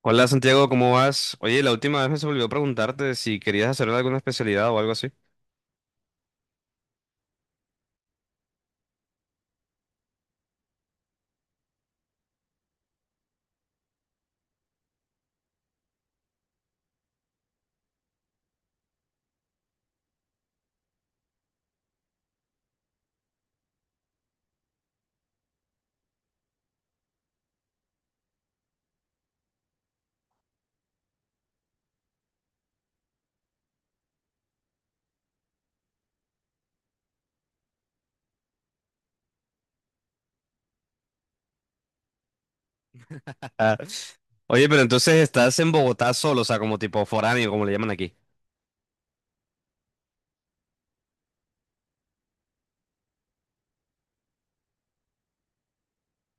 Hola Santiago, ¿cómo vas? Oye, la última vez me se me olvidó preguntarte si querías hacer alguna especialidad o algo así. Oye, pero entonces estás en Bogotá solo, o sea, como tipo foráneo, como le llaman aquí.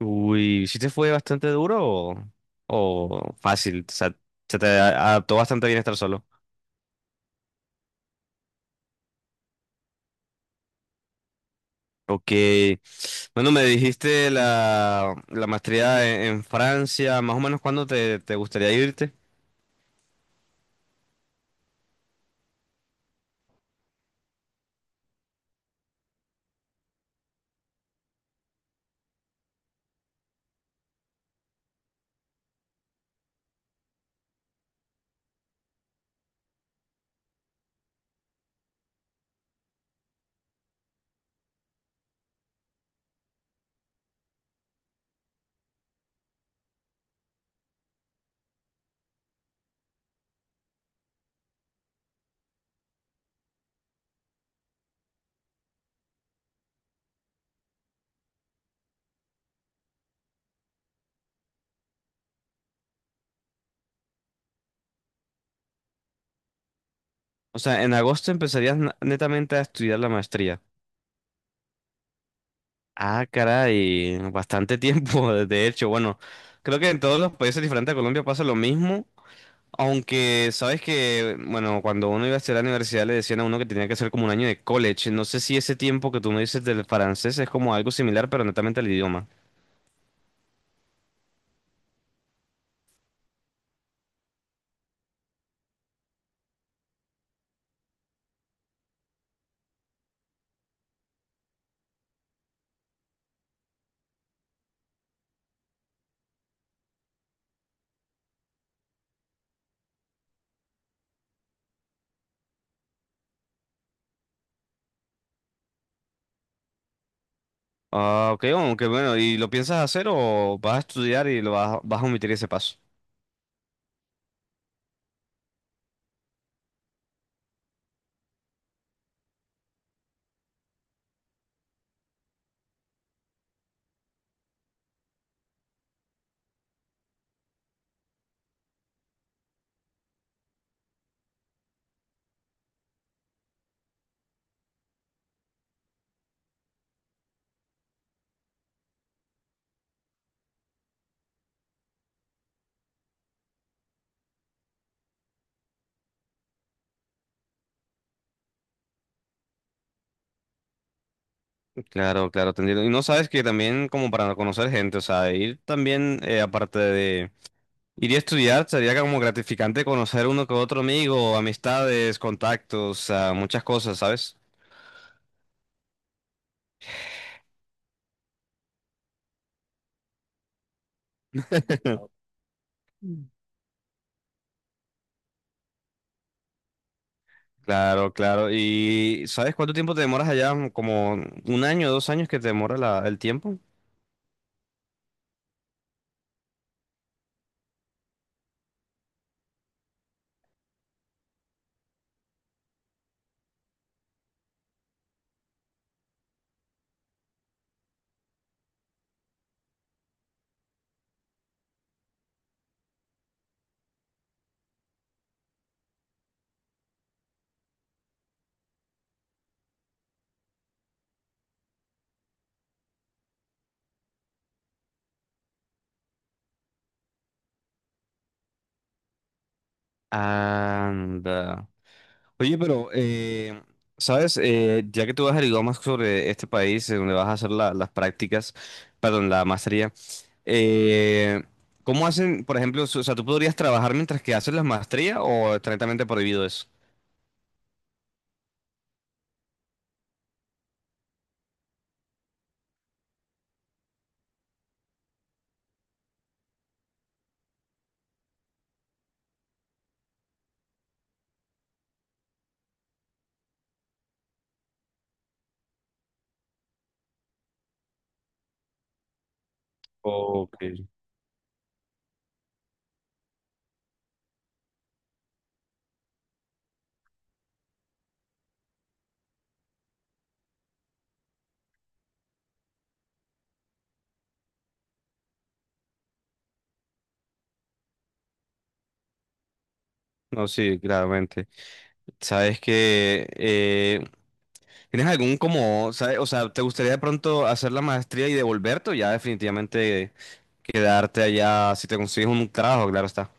Uy, ¿sí te fue bastante duro o fácil? O sea, se te a- adaptó bastante bien estar solo. Ok. Bueno, me dijiste la maestría en Francia, más o menos cuándo te gustaría irte. O sea, en agosto netamente a estudiar la maestría. Ah, caray, bastante tiempo, de hecho. Bueno, creo que en todos los países diferentes a Colombia pasa lo mismo, aunque sabes que, bueno, cuando uno iba a hacer la universidad le decían a uno que tenía que hacer como un año de college. No sé si ese tiempo que tú me dices del francés es como algo similar, pero netamente al idioma. Ah, ok, aunque bueno, ¿y lo piensas hacer o vas a estudiar y vas a omitir ese paso? Claro, claro, entendido. Y no sabes que también como para conocer gente, o sea, ir también aparte de... Iría a estudiar, sería como gratificante conocer uno que otro amigo, amistades, contactos, ah, muchas cosas, ¿sabes? Claro, claro. ¿Y sabes cuánto tiempo te demoras allá? ¿Como un año, dos años que te demora el tiempo? Anda. Oye, pero, ¿sabes? Ya que tú has averiguado más sobre este país, en donde vas a hacer las prácticas, perdón, la maestría, eh, ¿cómo hacen, por ejemplo, o sea, tú podrías trabajar mientras que haces la maestría o es estrictamente prohibido eso? Ok. No, sí, claramente. Sabes que tienes algún como, ¿sabes? O sea, ¿te gustaría de pronto hacer la maestría y devolverte o ya definitivamente quedarte allá si te consigues un trabajo? Claro está.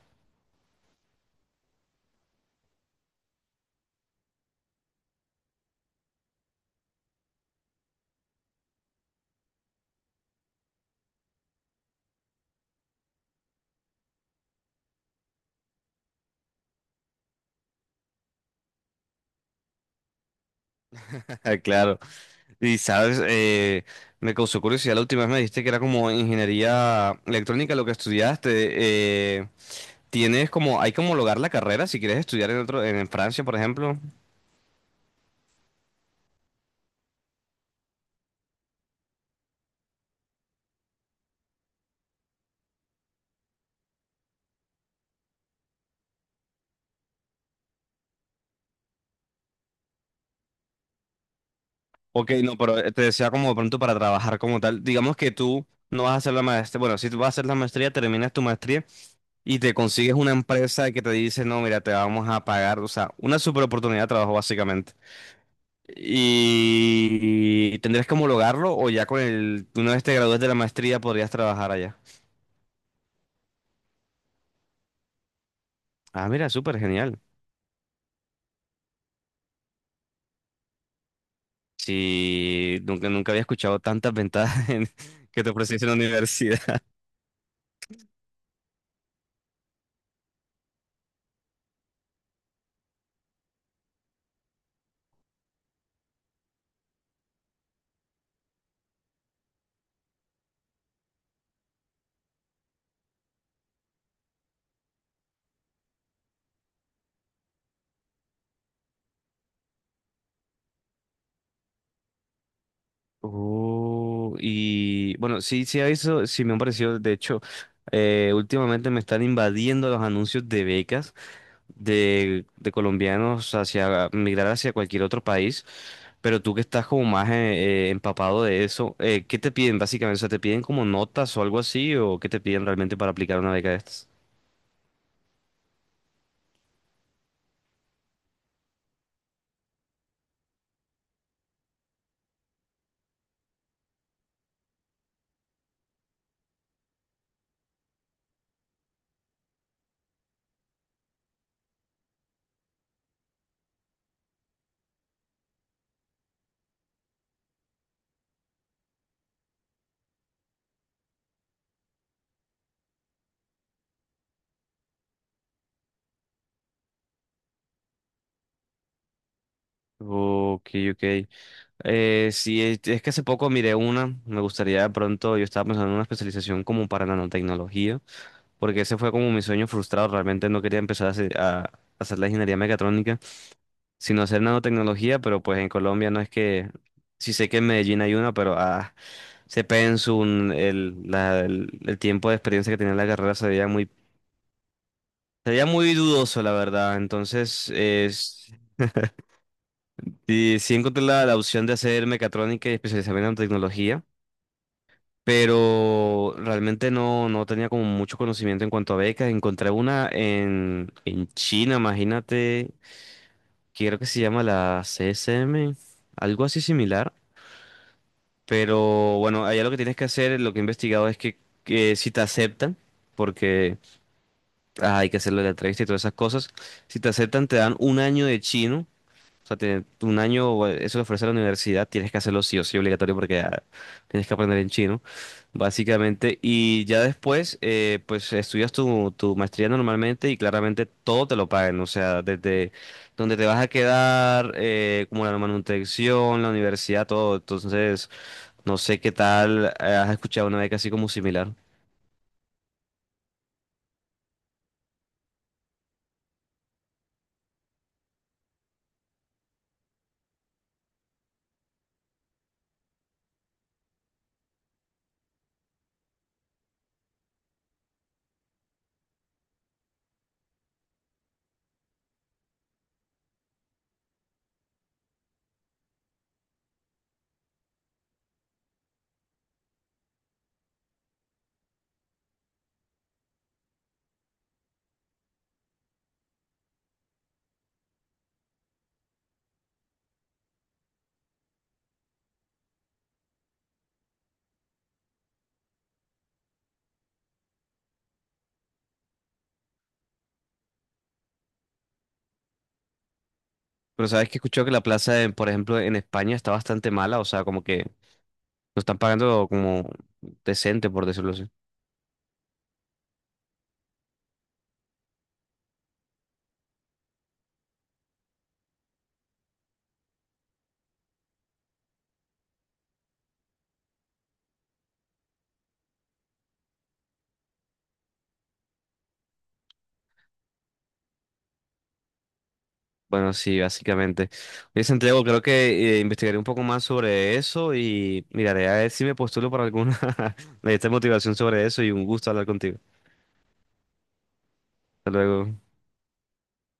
Claro. Y sabes, me causó curiosidad la última vez me dijiste que era como ingeniería electrónica lo que estudiaste. ¿Tienes como, hay que homologar la carrera si quieres estudiar en otro, en Francia, por ejemplo? Ok, no, pero te decía como de pronto para trabajar como tal. Digamos que tú no vas a hacer la maestría. Bueno, si tú vas a hacer la maestría, terminas tu maestría y te consigues una empresa que te dice, no, mira, te vamos a pagar. O sea, una super oportunidad de trabajo básicamente. Y tendrías que homologarlo o ya con el, una vez te gradúes de la maestría podrías trabajar allá. Ah, mira, súper genial. Sí, nunca, nunca había escuchado tantas ventajas que te ofreciese la universidad. Y bueno, sí, sí, eso sí me han parecido. De hecho, últimamente me están invadiendo los anuncios de becas de colombianos hacia migrar hacia cualquier otro país. Pero tú que estás como más empapado de eso, ¿qué te piden básicamente? O sea, ¿te piden como notas o algo así? ¿O qué te piden realmente para aplicar una beca de estas? Ok, ok. Sí, es que hace poco miré una, me gustaría de pronto, yo estaba pensando en una especialización como para nanotecnología. Porque ese fue como mi sueño frustrado. Realmente no quería empezar a hacer la ingeniería mecatrónica, sino hacer nanotecnología, pero pues en Colombia no es que, sí sé que en Medellín hay una, pero ah, se Pensun, el tiempo de experiencia que tenía en la carrera se veía muy dudoso, la verdad. Entonces, es, sí, sí encontré la opción de hacer mecatrónica y especializarme en nanotecnología. Pero realmente no tenía como mucho conocimiento en cuanto a becas. Encontré una en China, imagínate, que creo que se llama la CSM, algo así similar. Pero bueno, allá lo que tienes que hacer, lo que he investigado es que si te aceptan, porque ah, hay que hacerlo de la entrevista y todas esas cosas, si te aceptan te dan un año de chino, o sea, un año, o eso lo ofrece la universidad, tienes que hacerlo sí o sí obligatorio porque ah, tienes que aprender en chino, básicamente. Y ya después, pues estudias tu maestría normalmente y claramente todo te lo pagan. O sea, desde donde te vas a quedar, como la manutención, la universidad, todo. Entonces, no sé qué tal, has escuchado una beca así como similar. Pero sabes que he escuchado que la plaza, por ejemplo, en España está bastante mala. O sea, como que no están pagando como decente, por decirlo así. Bueno, sí, básicamente. Oye, Santiago, creo que investigaré un poco más sobre eso y miraré a ver si me postulo para alguna esta motivación sobre eso y un gusto hablar contigo. Hasta luego.